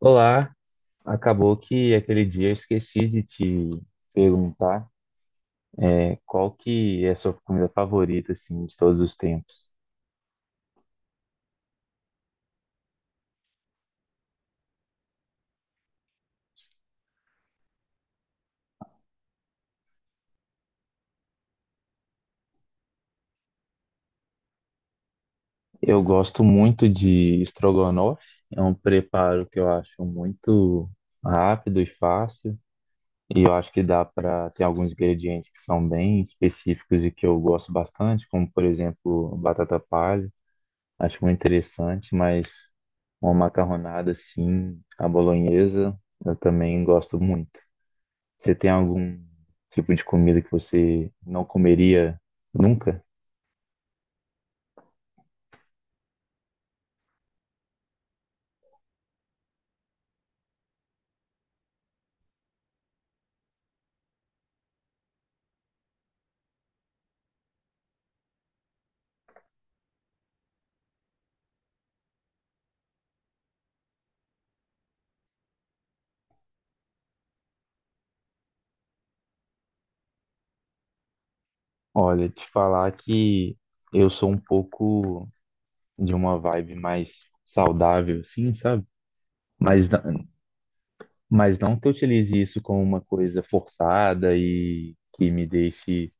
Olá, acabou que aquele dia eu esqueci de te perguntar qual que é a sua comida favorita assim de todos os tempos. Eu gosto muito de estrogonofe, é um preparo que eu acho muito rápido e fácil, e eu acho que dá para ter alguns ingredientes que são bem específicos e que eu gosto bastante, como por exemplo, batata palha, acho muito interessante, mas uma macarronada assim, a bolonhesa, eu também gosto muito. Você tem algum tipo de comida que você não comeria nunca? Olha, te falar que eu sou um pouco de uma vibe mais saudável, sim, sabe? Mas, na- mas não que eu utilize isso como uma coisa forçada e que me deixe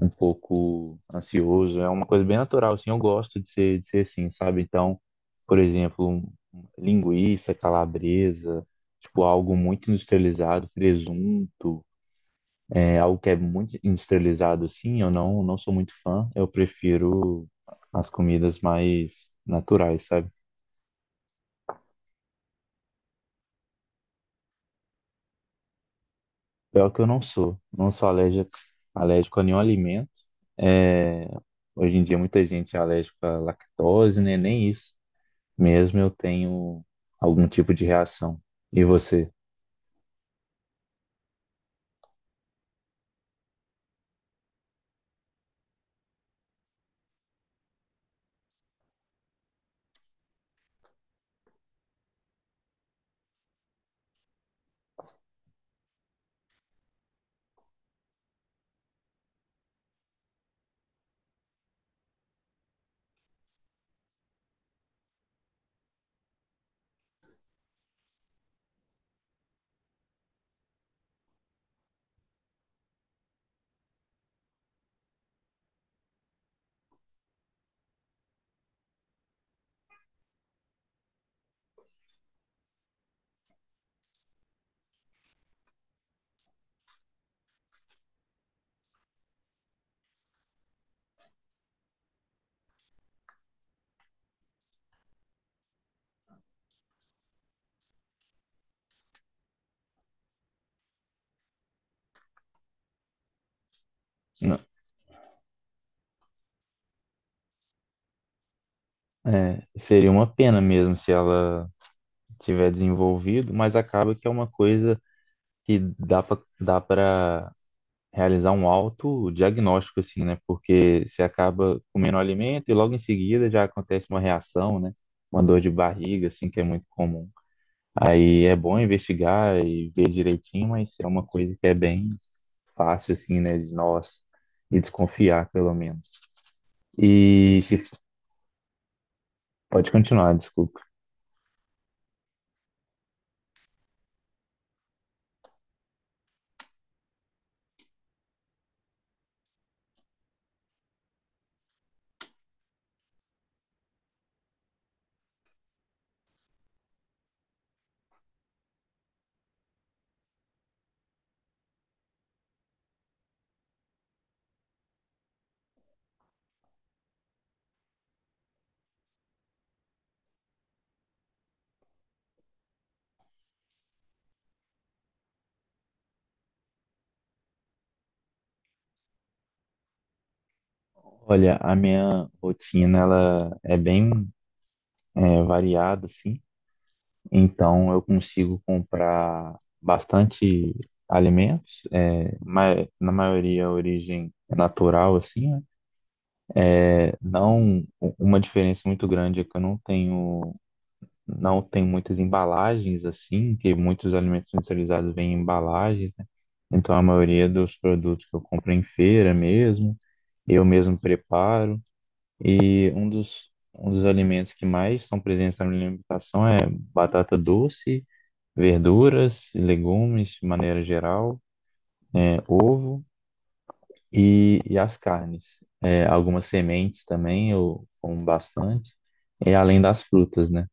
um pouco ansioso. É uma coisa bem natural, assim, eu gosto de ser assim, sabe? Então, por exemplo, linguiça, calabresa, tipo algo muito industrializado, presunto. É algo que é muito industrializado, sim, eu não, não sou muito fã. Eu prefiro as comidas mais naturais, sabe? Pior que eu não sou. Não sou alérgico, alérgico a nenhum alimento. É, Hoje em dia muita gente é alérgica à lactose, né? Nem isso. Mesmo eu tenho algum tipo de reação. E você? Não. Seria uma pena mesmo se ela tiver desenvolvido, mas acaba que é uma coisa que dá para realizar um autodiagnóstico, assim, né? Porque você acaba comendo um alimento e logo em seguida já acontece uma reação, né? Uma dor de barriga, assim, que é muito comum. Aí é bom investigar e ver direitinho, mas é uma coisa que é bem fácil, assim, né? De nós e desconfiar, pelo menos. E se- pode continuar, desculpa. Olha, a minha rotina, ela é bem variada, assim. Então eu consigo comprar bastante alimentos, na maioria a origem é natural, assim, né? É, não u- uma diferença muito grande é que eu não tenho muitas embalagens assim, que muitos alimentos industrializados vêm em embalagens, né? Então a maioria dos produtos que eu compro é em feira mesmo, eu mesmo preparo. E um dos alimentos que mais são presentes na minha alimentação é batata doce, verduras e legumes de maneira geral, ovo e as carnes. É, algumas sementes também eu como bastante, e além das frutas, né?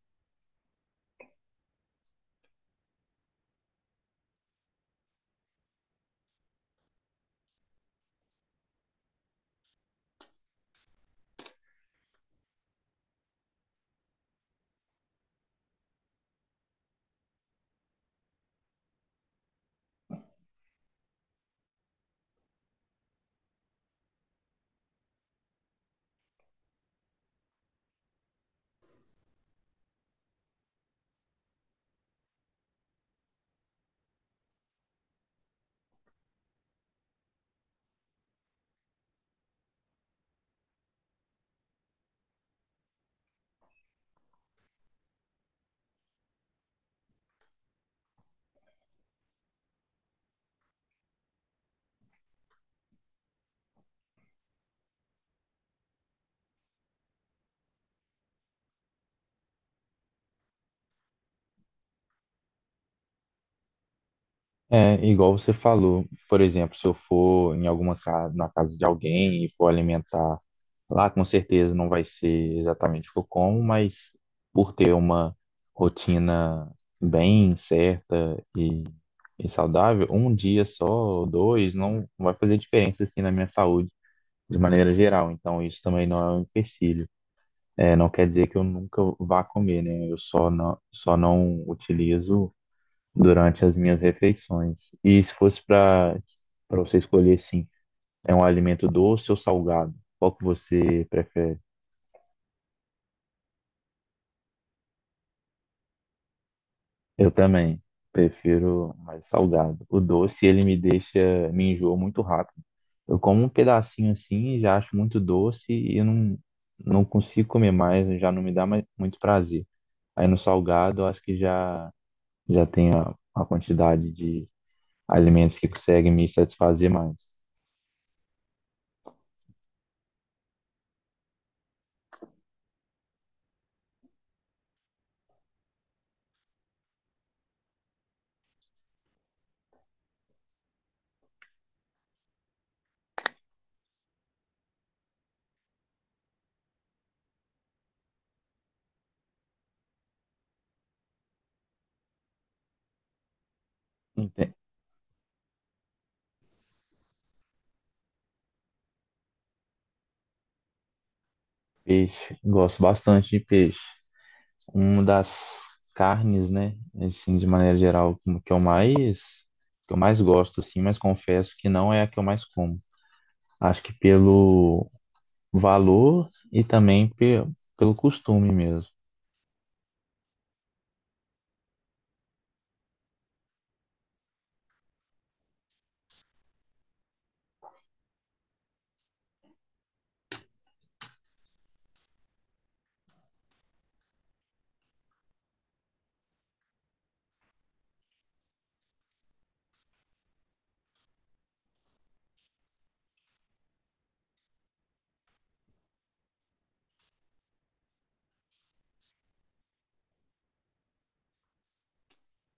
É, igual você falou, por exemplo, se eu for em alguma casa, na casa de alguém e for alimentar lá, com certeza não vai ser exatamente o que eu como, mas por ter uma rotina bem certa e saudável, um dia só, ou dois, não vai fazer diferença assim na minha saúde, de maneira geral, então isso também não é um empecilho. É, não quer dizer que eu nunca vá comer, né? Eu só não utilizo durante as minhas refeições. E se fosse para você escolher, sim, é um alimento doce ou salgado? Qual que você prefere? Eu também prefiro mais salgado. O doce, me enjoa muito rápido. Eu como um pedacinho assim, e já acho muito doce e não, não consigo comer mais, já não me dá mais, muito prazer. Aí no salgado, eu acho que já tem a quantidade de alimentos que conseguem me satisfazer mais. Ente- Peixe, gosto bastante de peixe. Uma das carnes, né? Assim, de maneira geral, como que eu mais gosto, assim, mas confesso que não é a que eu mais como. Acho que pelo valor e também pe pelo costume mesmo.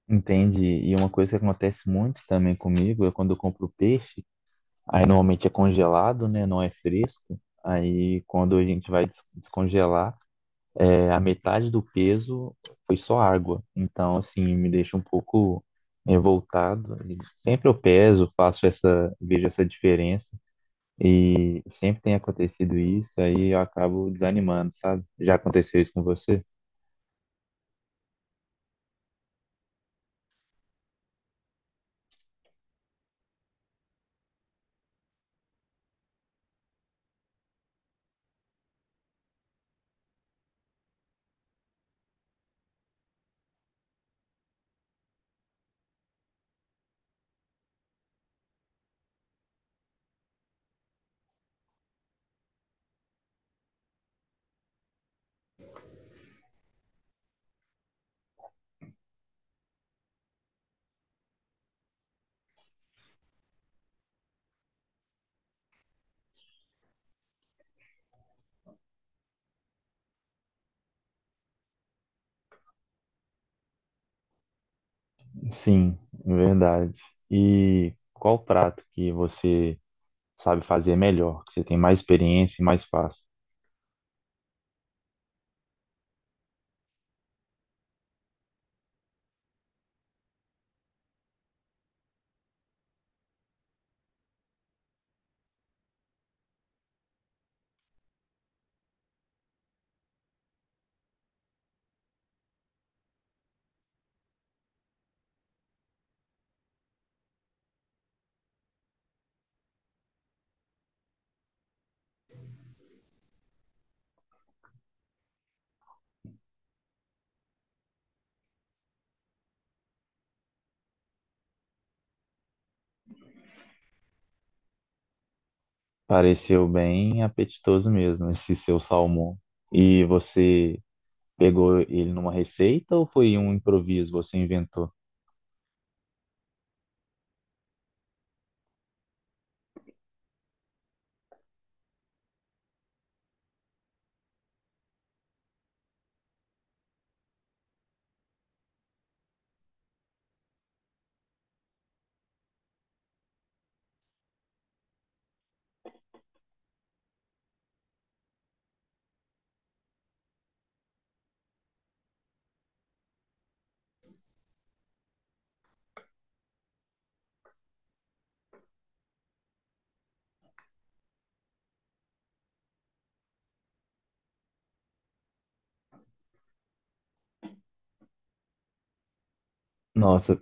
Entende? E uma coisa que acontece muito também comigo é quando eu compro peixe, aí normalmente é congelado, né? Não é fresco. Aí quando a gente vai descongelar, é, a metade do peso foi só água. Então, assim, me deixa um pouco revoltado. E sempre eu peso, vejo essa diferença. E sempre tem acontecido isso, aí eu acabo desanimando, sabe? Já aconteceu isso com você? Sim, verdade. E qual prato que você sabe fazer melhor, que você tem mais experiência e mais fácil? Pareceu bem apetitoso mesmo esse seu salmão. E você pegou ele numa receita ou foi um improviso, você inventou? Nossa,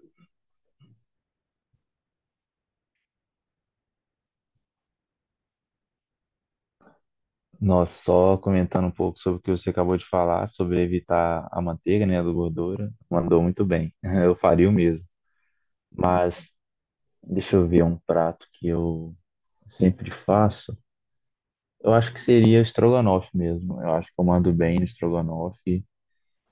nossa, só comentando um pouco sobre o que você acabou de falar, sobre evitar a manteiga, né, a gordura, mandou muito bem. Eu faria o mesmo. Mas deixa eu ver um prato que eu sempre faço. Eu acho que seria estrogonofe mesmo. Eu acho que eu mando bem no estrogonofe.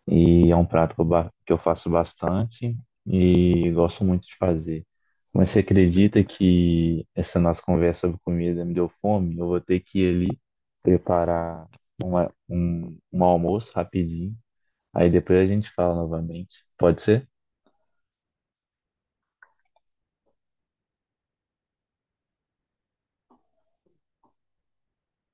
E é um prato que que eu faço bastante e gosto muito de fazer. Mas você acredita que essa nossa conversa sobre comida me deu fome? Eu vou ter que ir ali preparar um almoço rapidinho. Aí depois a gente fala novamente. Pode ser?